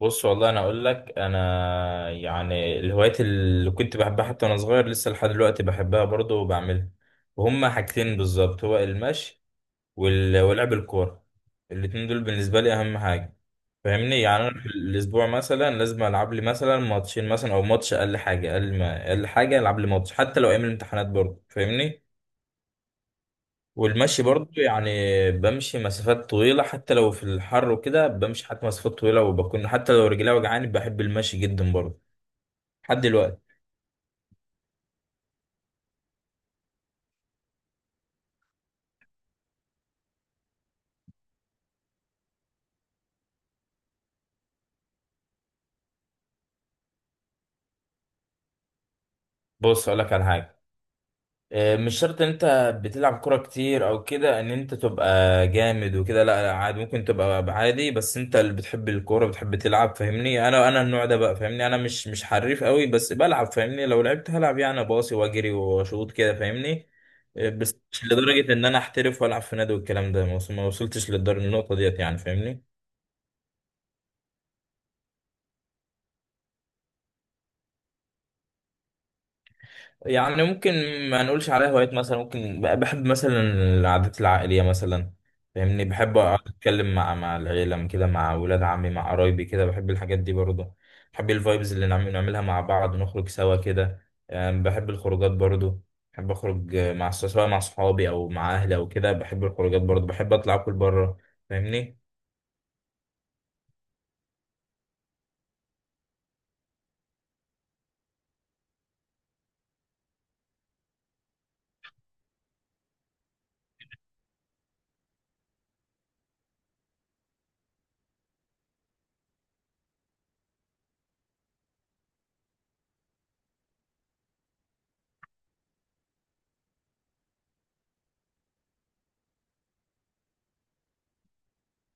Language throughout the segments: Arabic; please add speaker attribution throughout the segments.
Speaker 1: بص والله انا اقول لك انا يعني الهوايات اللي كنت بحبها حتى وانا صغير لسه لحد دلوقتي بحبها برضه وبعملها. وهما حاجتين بالظبط، هو المشي ولعب الكوره. الاتنين دول بالنسبه لي اهم حاجه، فاهمني؟ يعني انا في الاسبوع مثلا لازم العب لي مثلا ماتشين مثلا او ماتش، اقل حاجه، اقل ما اقل حاجه العب لي ماتش، حتى لو ايام الامتحانات برضه، فاهمني؟ والمشي برضو يعني بمشي مسافات طويلة، حتى لو في الحر وكده بمشي حتى مسافات طويلة، وبكون حتى لو رجلي وجعاني بحب المشي جدا برضو لحد دلوقتي. بص أقولك على حاجة، مش شرط ان انت بتلعب كرة كتير او كده ان انت تبقى جامد وكده، لا لا عادي، ممكن تبقى عادي، بس انت اللي بتحب الكورة بتحب تلعب، فاهمني؟ انا النوع ده بقى فاهمني، انا مش حريف قوي بس بلعب، فاهمني؟ لو لعبت هلعب يعني، باصي واجري واشوط كده، فاهمني؟ بس مش لدرجة ان انا احترف والعب في نادي والكلام ده، ما وصلتش للدر النقطة ديت يعني، فاهمني؟ يعني ممكن ما نقولش عليها هوايات مثلا، ممكن بحب مثلا العادات العائلية مثلا، فاهمني؟ بحب أقعد أتكلم مع العيلة كده، مع ولاد عمي، مع قرايبي كده، بحب الحاجات دي برضه. بحب الفايبز اللي نعملها مع بعض ونخرج سوا كده، يعني بحب الخروجات برضه. بحب أخرج سواء مع صحابي أو مع أهلي أو كده، بحب الخروجات برضه، بحب أطلع أكل بره، فاهمني؟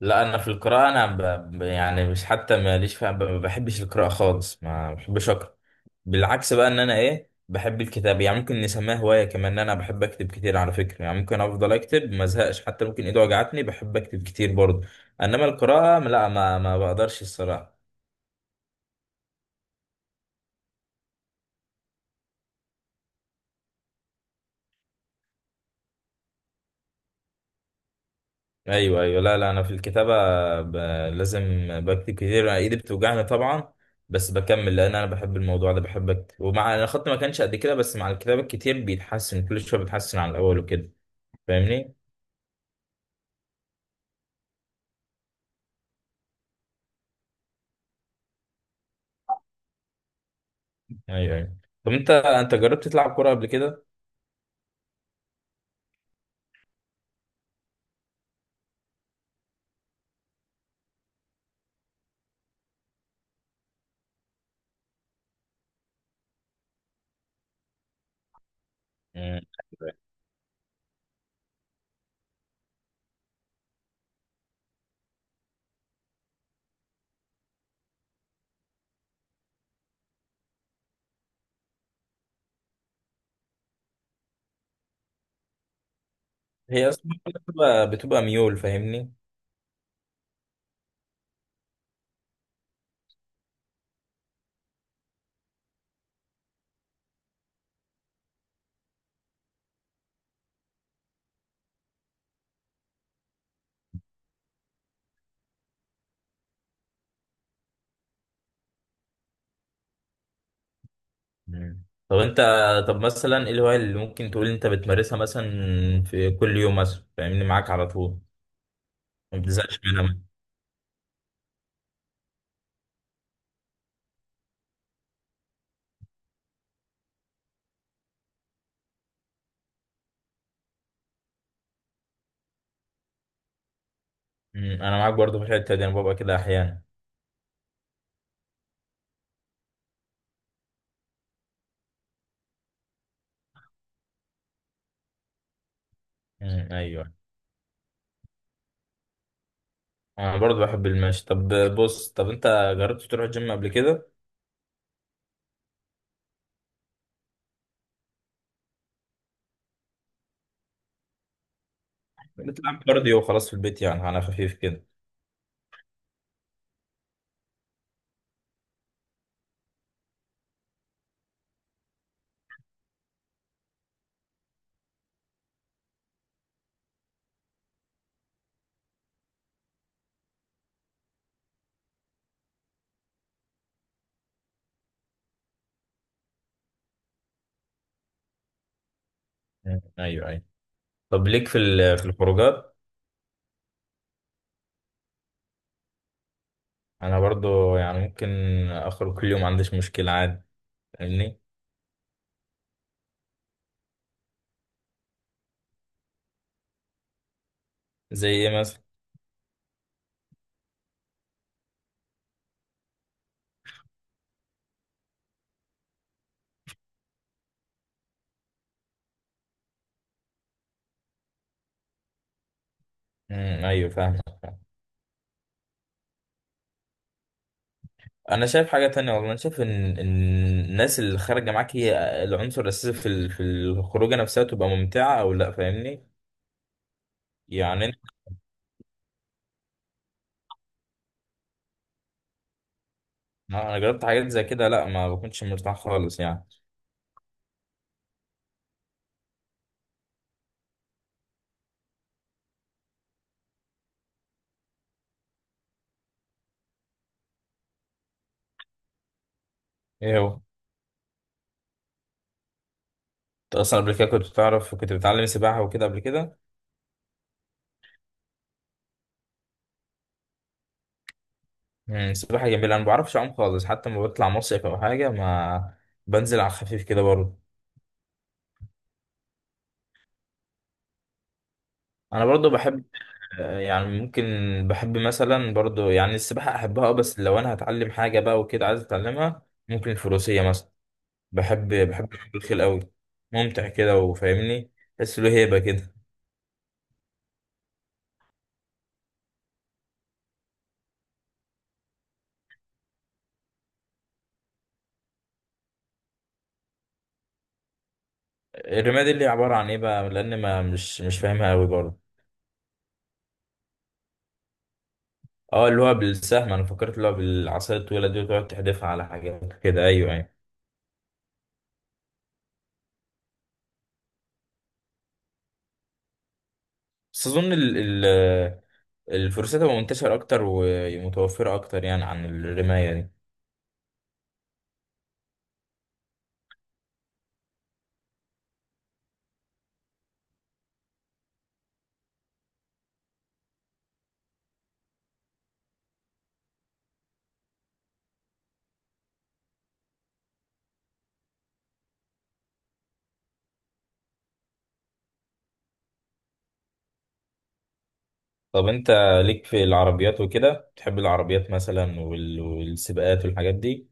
Speaker 1: لا أنا في القراءة أنا يعني مش حتى ماليش فيها، ما بحبش القراءة خالص، ما بحبش أقرأ. بالعكس بقى، ان انا ايه، بحب الكتاب، يعني ممكن نسميها هواية كمان، ان انا بحب اكتب كتير على فكرة، يعني ممكن افضل اكتب ما ازهقش، حتى ممكن ايدي وجعتني بحب اكتب كتير برضه. انما القراءة لا، ما بقدرش الصراحة. ايوه ايوه، لا لا، انا في الكتابة ب... لازم بكتب كتير، ايدي بتوجعني طبعا، بس بكمل لان انا بحب الموضوع ده، بحب اكتب، ومع انا خط ما كانش قد كده، بس مع الكتابة الكتير بيتحسن كل شوية، بيتحسن عن الاول وكده، فاهمني؟ ايوه ايوه. طب انت جربت تلعب كورة قبل كده؟ مم. هي اصلا بتبقى ميول، فاهمني؟ مم. طب انت، طب مثلا ايه الهواية اللي ممكن تقول انت بتمارسها مثلا في كل يوم، مثلا فاهمني، معاك على طول ما بتزهقش منها؟ مم. انا معاك برضو في الحتة دي، انا ببقى كده احيانا. مم. ايوه، انا برضو بحب المشي. طب بص، طب انت جربت تروح الجيم قبل كده؟ بتلعب كارديو وخلاص في البيت، يعني على خفيف كده؟ مم. ايوه ايوه. طب ليك في في الخروجات؟ انا برضو يعني ممكن اخرج كل يوم، ما عنديش مشكلة عادي، فاهمني؟ زي ايه؟ امم، ايوه فاهم. انا شايف حاجه تانية والله، انا شايف ان إن الناس اللي خارجه معاك هي العنصر الاساسي في في الخروجه نفسها تبقى ممتعه او لا، فاهمني؟ يعني انا، أنا جربت حاجات زي كده، لا ما بكونش مرتاح خالص يعني. ايه هو؟ انت اصلا قبل كده كنت بتعرف، كنت بتعلم سباحه وكده قبل كده؟ امم، سباحه جميله، انا ما بعرفش اعوم خالص، حتى لما بطلع مصيف او حاجه ما بنزل على الخفيف كده برضه. انا برضه بحب، يعني ممكن بحب مثلا برضو، يعني السباحة أحبها أه، بس لو أنا هتعلم حاجة بقى وكده عايز أتعلمها، ممكن الفروسية مثلا. بحب الخيل أوي، ممتع كده وفاهمني، تحس له هيبة كده. الرماية دي اللي هي عبارة عن إيه بقى؟ لأن ما مش مش فاهمها أوي برضو. أه اللي هو بالسهم، أنا فكرت اللي هو بالعصاية الطويلة دي وتقعد تحدفها على حاجات كده، أيوه أيوه. بس أظن ال ال الفروسية تبقى منتشرة أكتر ومتوفرة أكتر يعني عن الرماية دي. طب انت ليك في العربيات وكده؟ بتحب العربيات مثلا والسباقات والحاجات دي؟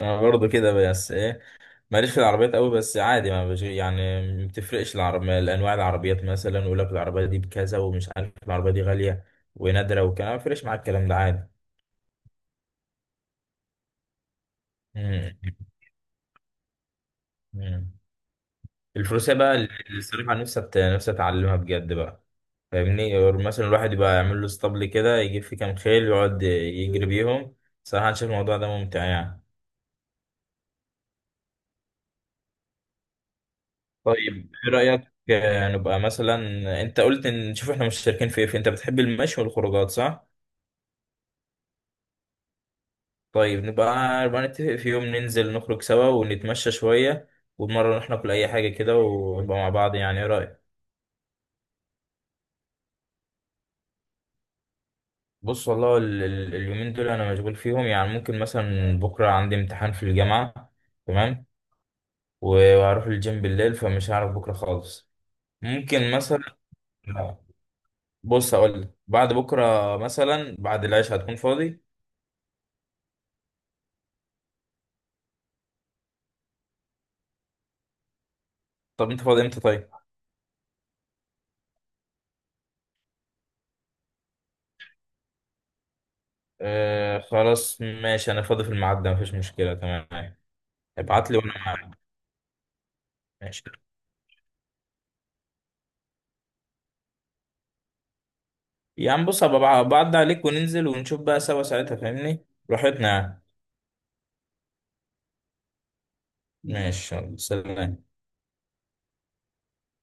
Speaker 1: انا برضه كده، بس ايه، ماليش في العربيات قوي، بس عادي ما بش يعني، ما بتفرقش العربية الانواع، العربيات مثلا يقول لك العربية دي بكذا ومش عارف، العربية دي غالية ونادرة وكلام، ما بيفرقش معاك الكلام ده عادي. مم. مم. الفروسية بقى، اللي الصراحة نفسي نفسي اتعلمها بجد بقى، فاهمني؟ أو مثلا الواحد يبقى يعمل له اسطبل كده يجيب فيه كام خيل يقعد يجري بيهم، صراحة أنا شايف الموضوع ده ممتع يعني. طيب ايه رأيك، نبقى مثلا، انت قلت ان نشوف احنا مشتركين في ايه، انت بتحب المشي والخروجات، صح؟ طيب نبقى نتفق في يوم ننزل نخرج سوا ونتمشى شوية، ومرة نروح ناكل اي حاجة كده ونبقى مع بعض، يعني ايه رأيك؟ بص والله اليومين دول انا مشغول فيهم، يعني ممكن مثلا بكرة عندي امتحان في الجامعة، تمام، وهروح الجيم بالليل، فمش هعرف بكرة خالص. ممكن مثلا، بص اقول لك، بعد بكرة مثلا بعد العشاء هتكون فاضي؟ طب انت فاضي امتى طيب؟ آه خلاص ماشي، انا فاضي في الميعاد ده، مفيش مشكلة، تمام. ابعت لي وانا معاك. ماشي، يعني بص هبقى بعد عليك وننزل ونشوف بقى سوا ساعتها، فاهمني؟ براحتنا يعني. ماشي، يلا، سلام.